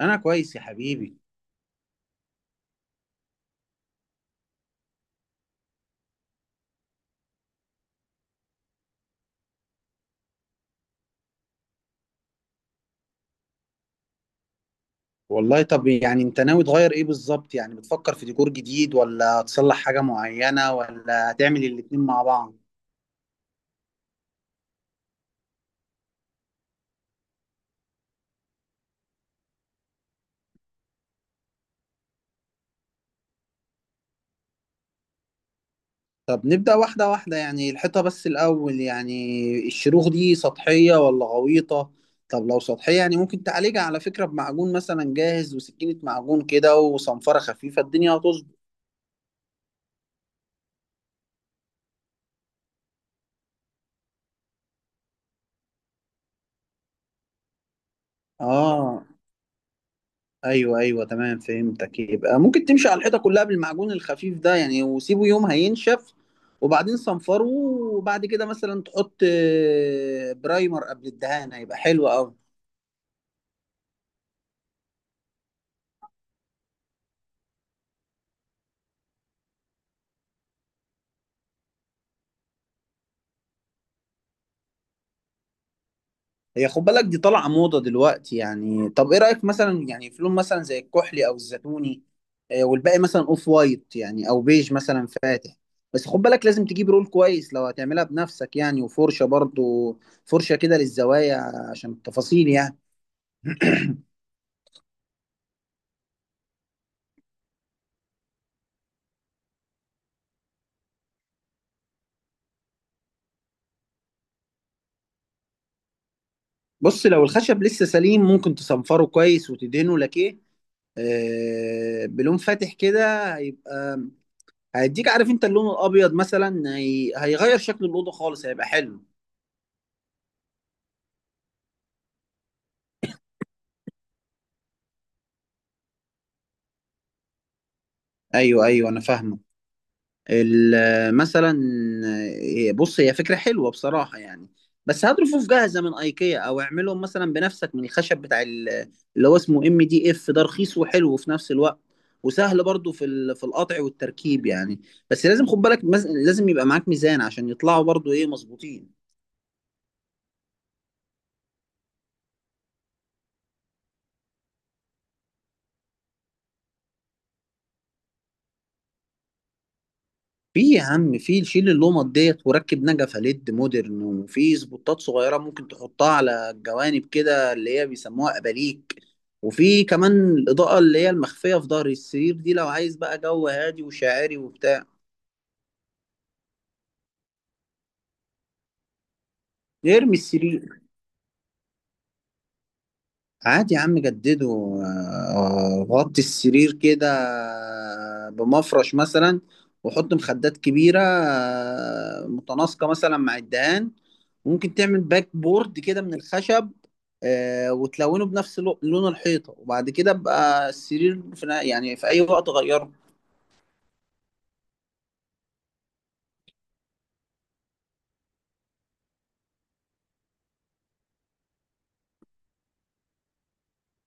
انا كويس يا حبيبي. والله طب يعني انت ناوي تغير ايه بالظبط؟ يعني بتفكر في ديكور جديد ولا تصلح حاجة معينة ولا هتعمل الاتنين مع بعض؟ طب نبدأ واحدة واحدة يعني الحيطة بس الأول، يعني الشروخ دي سطحية ولا غويطة؟ طب لو سطحية، يعني ممكن تعالجها على فكرة بمعجون مثلا جاهز وسكينة معجون كده وصنفرة خفيفة، الدنيا هتظبط. اه، ايوه تمام، فهمتك. يبقى ممكن تمشي على الحيطه كلها بالمعجون الخفيف ده يعني، وسيبه يوم هينشف، وبعدين صنفره، وبعد كده مثلا تحط برايمر قبل الدهان، هيبقى حلو قوي. هي خد بالك دي طالعه موضه دلوقتي يعني. طب ايه رايك مثلا يعني في لون مثلا زي الكحلي او الزيتوني، والباقي مثلا اوف وايت يعني او بيج مثلا فاتح. بس خد بالك لازم تجيب رول كويس لو هتعملها بنفسك يعني، وفرشه برضو، فرشه كده للزوايا عشان التفاصيل يعني. بص لو الخشب لسه سليم ممكن تصنفره كويس وتدهنه لكيه، بلون فاتح كده، هيبقى هيديك، عارف انت اللون الابيض مثلا هيغير شكل الاوضه خالص، هيبقى حلو. ايوه انا فاهمك. مثلا بص، هي فكرة حلوة بصراحة يعني، بس هات رفوف جاهزة من ايكيا او اعملهم مثلا بنفسك من الخشب بتاع اللي هو اسمه ام دي اف، ده رخيص وحلو في نفس الوقت، وسهل برضو في في القطع والتركيب يعني. بس لازم خد بالك لازم يبقى معاك ميزان عشان يطلعوا برضو ايه مظبوطين. في يا عم في، شيل اللومات ديت وركب نجفة ليد مودرن، وفي سبوتات صغيرة ممكن تحطها على الجوانب كده، اللي هي بيسموها أباليك، وفي كمان الإضاءة اللي هي المخفية في ظهر السرير دي لو عايز بقى جو هادي وشاعري وبتاع. ارمي السرير. عادي يا عم جدده، غطي السرير كده بمفرش مثلا، وحط مخدات كبيرة متناسقة مثلا مع الدهان. ممكن تعمل باك بورد كده من الخشب وتلونه بنفس لون الحيطة، وبعد كده بقى السرير في يعني في أي وقت غيره.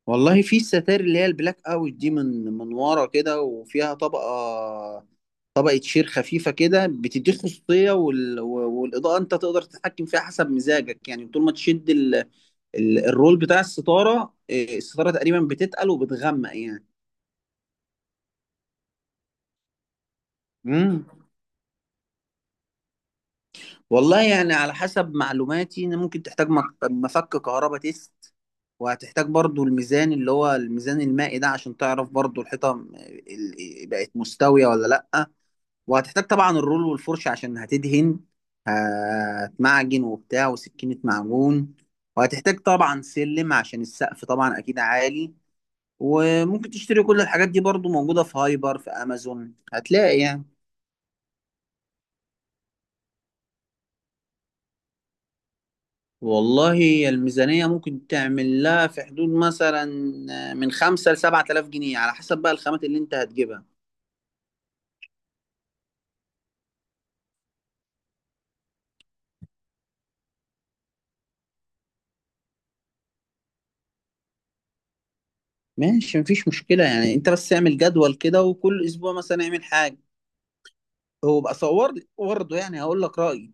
والله في الستائر اللي هي البلاك اوت دي، من ورا كده، وفيها طبقة شير خفيفة كده بتديك خصوصية، والإضاءة أنت تقدر تتحكم فيها حسب مزاجك يعني، طول ما تشد الرول بتاع الستارة الستارة تقريبا بتتقل وبتغمق يعني. امم والله يعني على حسب معلوماتي إن ممكن تحتاج مفك كهرباء تيست، وهتحتاج برضو الميزان اللي هو الميزان المائي ده عشان تعرف برضو الحيطة بقت مستوية ولا لأ. وهتحتاج طبعا الرول والفرشة عشان هتدهن، هتمعجن وبتاع وسكينة معجون، وهتحتاج طبعا سلم عشان السقف طبعا أكيد عالي. وممكن تشتري كل الحاجات دي برضو، موجودة في هايبر، في أمازون هتلاقي يعني. والله الميزانية ممكن تعمل لها في حدود مثلا من خمسة لسبعة آلاف جنيه، على حسب بقى الخامات اللي أنت هتجيبها. ماشي، مفيش مشكلة يعني. أنت بس اعمل جدول كده، وكل أسبوع مثلا اعمل حاجة. هو بقى صور لي برضه يعني هقول لك رأيي.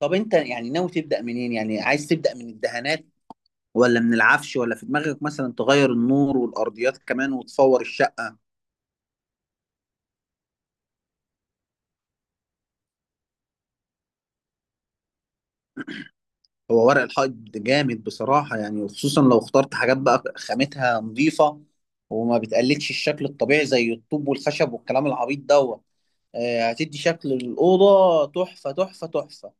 طب انت يعني ناوي تبدأ منين؟ يعني عايز تبدأ من الدهانات ولا من العفش، ولا في دماغك مثلا تغير النور والأرضيات كمان وتفور الشقة؟ هو ورق الحائط جامد بصراحة يعني، وخصوصا لو اخترت حاجات بقى خامتها نظيفة، وما بتقلدش الشكل الطبيعي زي الطوب والخشب والكلام العبيط دوت، هتدي شكل الأوضة تحفة تحفة تحفة.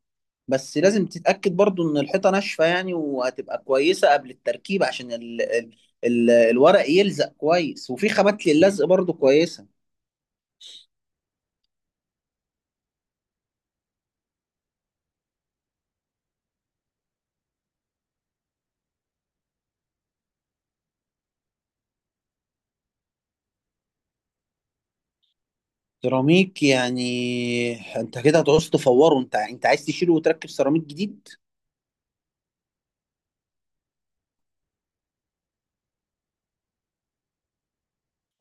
بس لازم تتأكد برضو ان الحيطة ناشفة يعني، وهتبقى كويسة قبل التركيب، عشان ال الورق يلزق كويس، وفي خامات للزق برضو كويسة. سيراميك يعني؟ انت كده هتعوز تفوره. انت عايز تشيله وتركب سيراميك جديد؟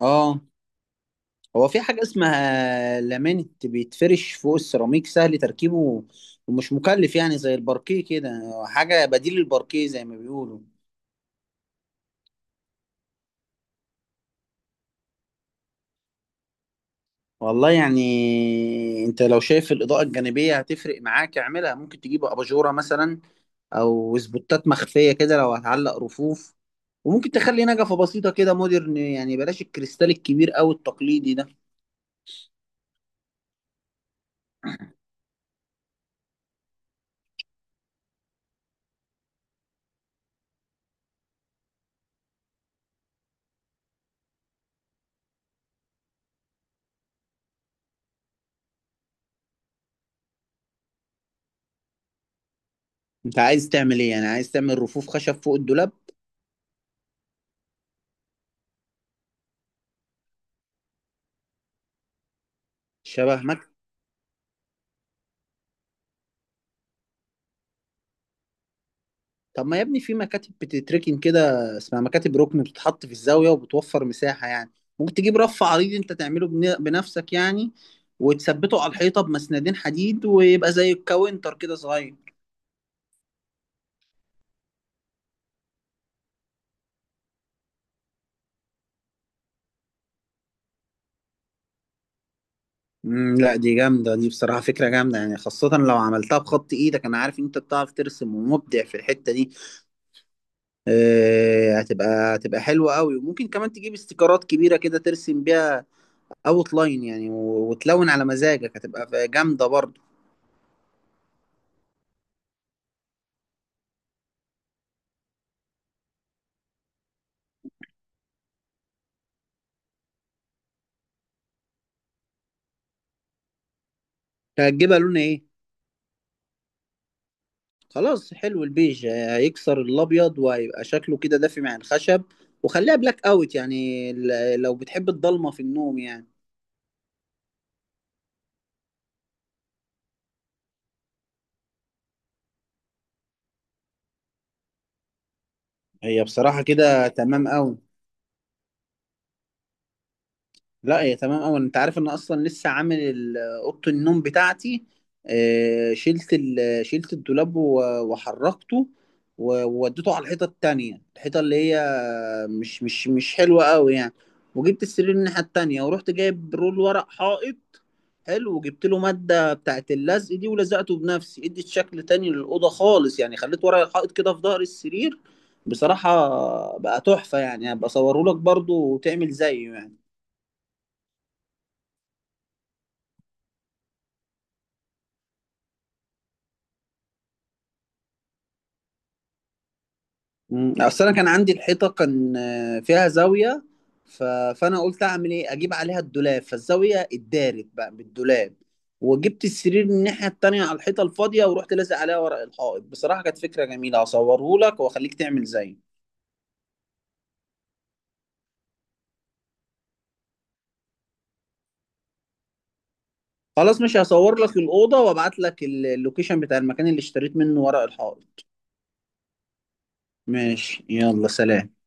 اه، هو في حاجة اسمها لامينت، بيتفرش فوق السيراميك، سهل تركيبه ومش مكلف يعني، زي الباركيه كده، حاجة بديل للباركيه زي ما بيقولوا. والله يعني انت لو شايف الاضاءه الجانبيه هتفرق معاك اعملها، ممكن تجيب اباجوره مثلا او سبوتات مخفيه كده لو هتعلق رفوف. وممكن تخلي نجفه بسيطه كده مودرن يعني، بلاش الكريستال الكبير او التقليدي ده. انت عايز تعمل ايه يعني؟ عايز تعمل رفوف خشب فوق الدولاب؟ شبه؟ طب ما يا ابني في مكاتب بتتركن كده، اسمها مكاتب ركن، بتتحط في الزاوية وبتوفر مساحة يعني. ممكن تجيب رف عريض انت تعمله بنفسك يعني، وتثبته على الحيطة بمسندين حديد، ويبقى زي الكاونتر كده صغير. لا، دي جامدة دي بصراحة، فكرة جامدة يعني، خاصة لو عملتها بخط ايدك. انا عارف ان انت بتعرف ترسم ومبدع في الحتة دي، هتبقى حلوة قوي. وممكن كمان تجيب استيكرات كبيرة كده ترسم بيها اوت لاين يعني، وتلون على مزاجك، هتبقى جامدة برضه. هتجيبها لون ايه؟ خلاص، حلو، البيج هيكسر الابيض وهيبقى شكله كده دافي مع الخشب. وخليها بلاك اوت يعني لو بتحب الضلمه في النوم يعني. هي بصراحه كده تمام قوي. لا هي تمام أوي. أنت عارف إن أصلا لسه عامل أوضة النوم بتاعتي، شلت شلت الدولاب وحركته ووديته على الحيطة التانية، الحيطة اللي هي مش حلوة أوي يعني، وجبت السرير الناحية التانية، ورحت جايب رول ورق حائط حلو، وجبت له مادة بتاعت اللزق دي، ولزقته بنفسي، اديت شكل تاني للأوضة خالص يعني. خليت ورق الحائط كده في ظهر السرير، بصراحة بقى تحفة يعني، هبقى أصوره لك برضه وتعمل زيه يعني. مم. اصل انا كان عندي الحيطه كان فيها زاويه، ف... فانا قلت اعمل ايه، اجيب عليها الدولاب، فالزاويه اتدارت بقى بالدولاب، وجبت السرير من الناحيه التانيه على الحيطه الفاضيه، ورحت لازق عليها ورق الحائط. بصراحه كانت فكره جميله، هصوره لك واخليك تعمل زيه. خلاص، مش هصور لك الاوضه وابعت لك اللوكيشن بتاع المكان اللي اشتريت منه ورق الحائط. ماشي، يلا سلام.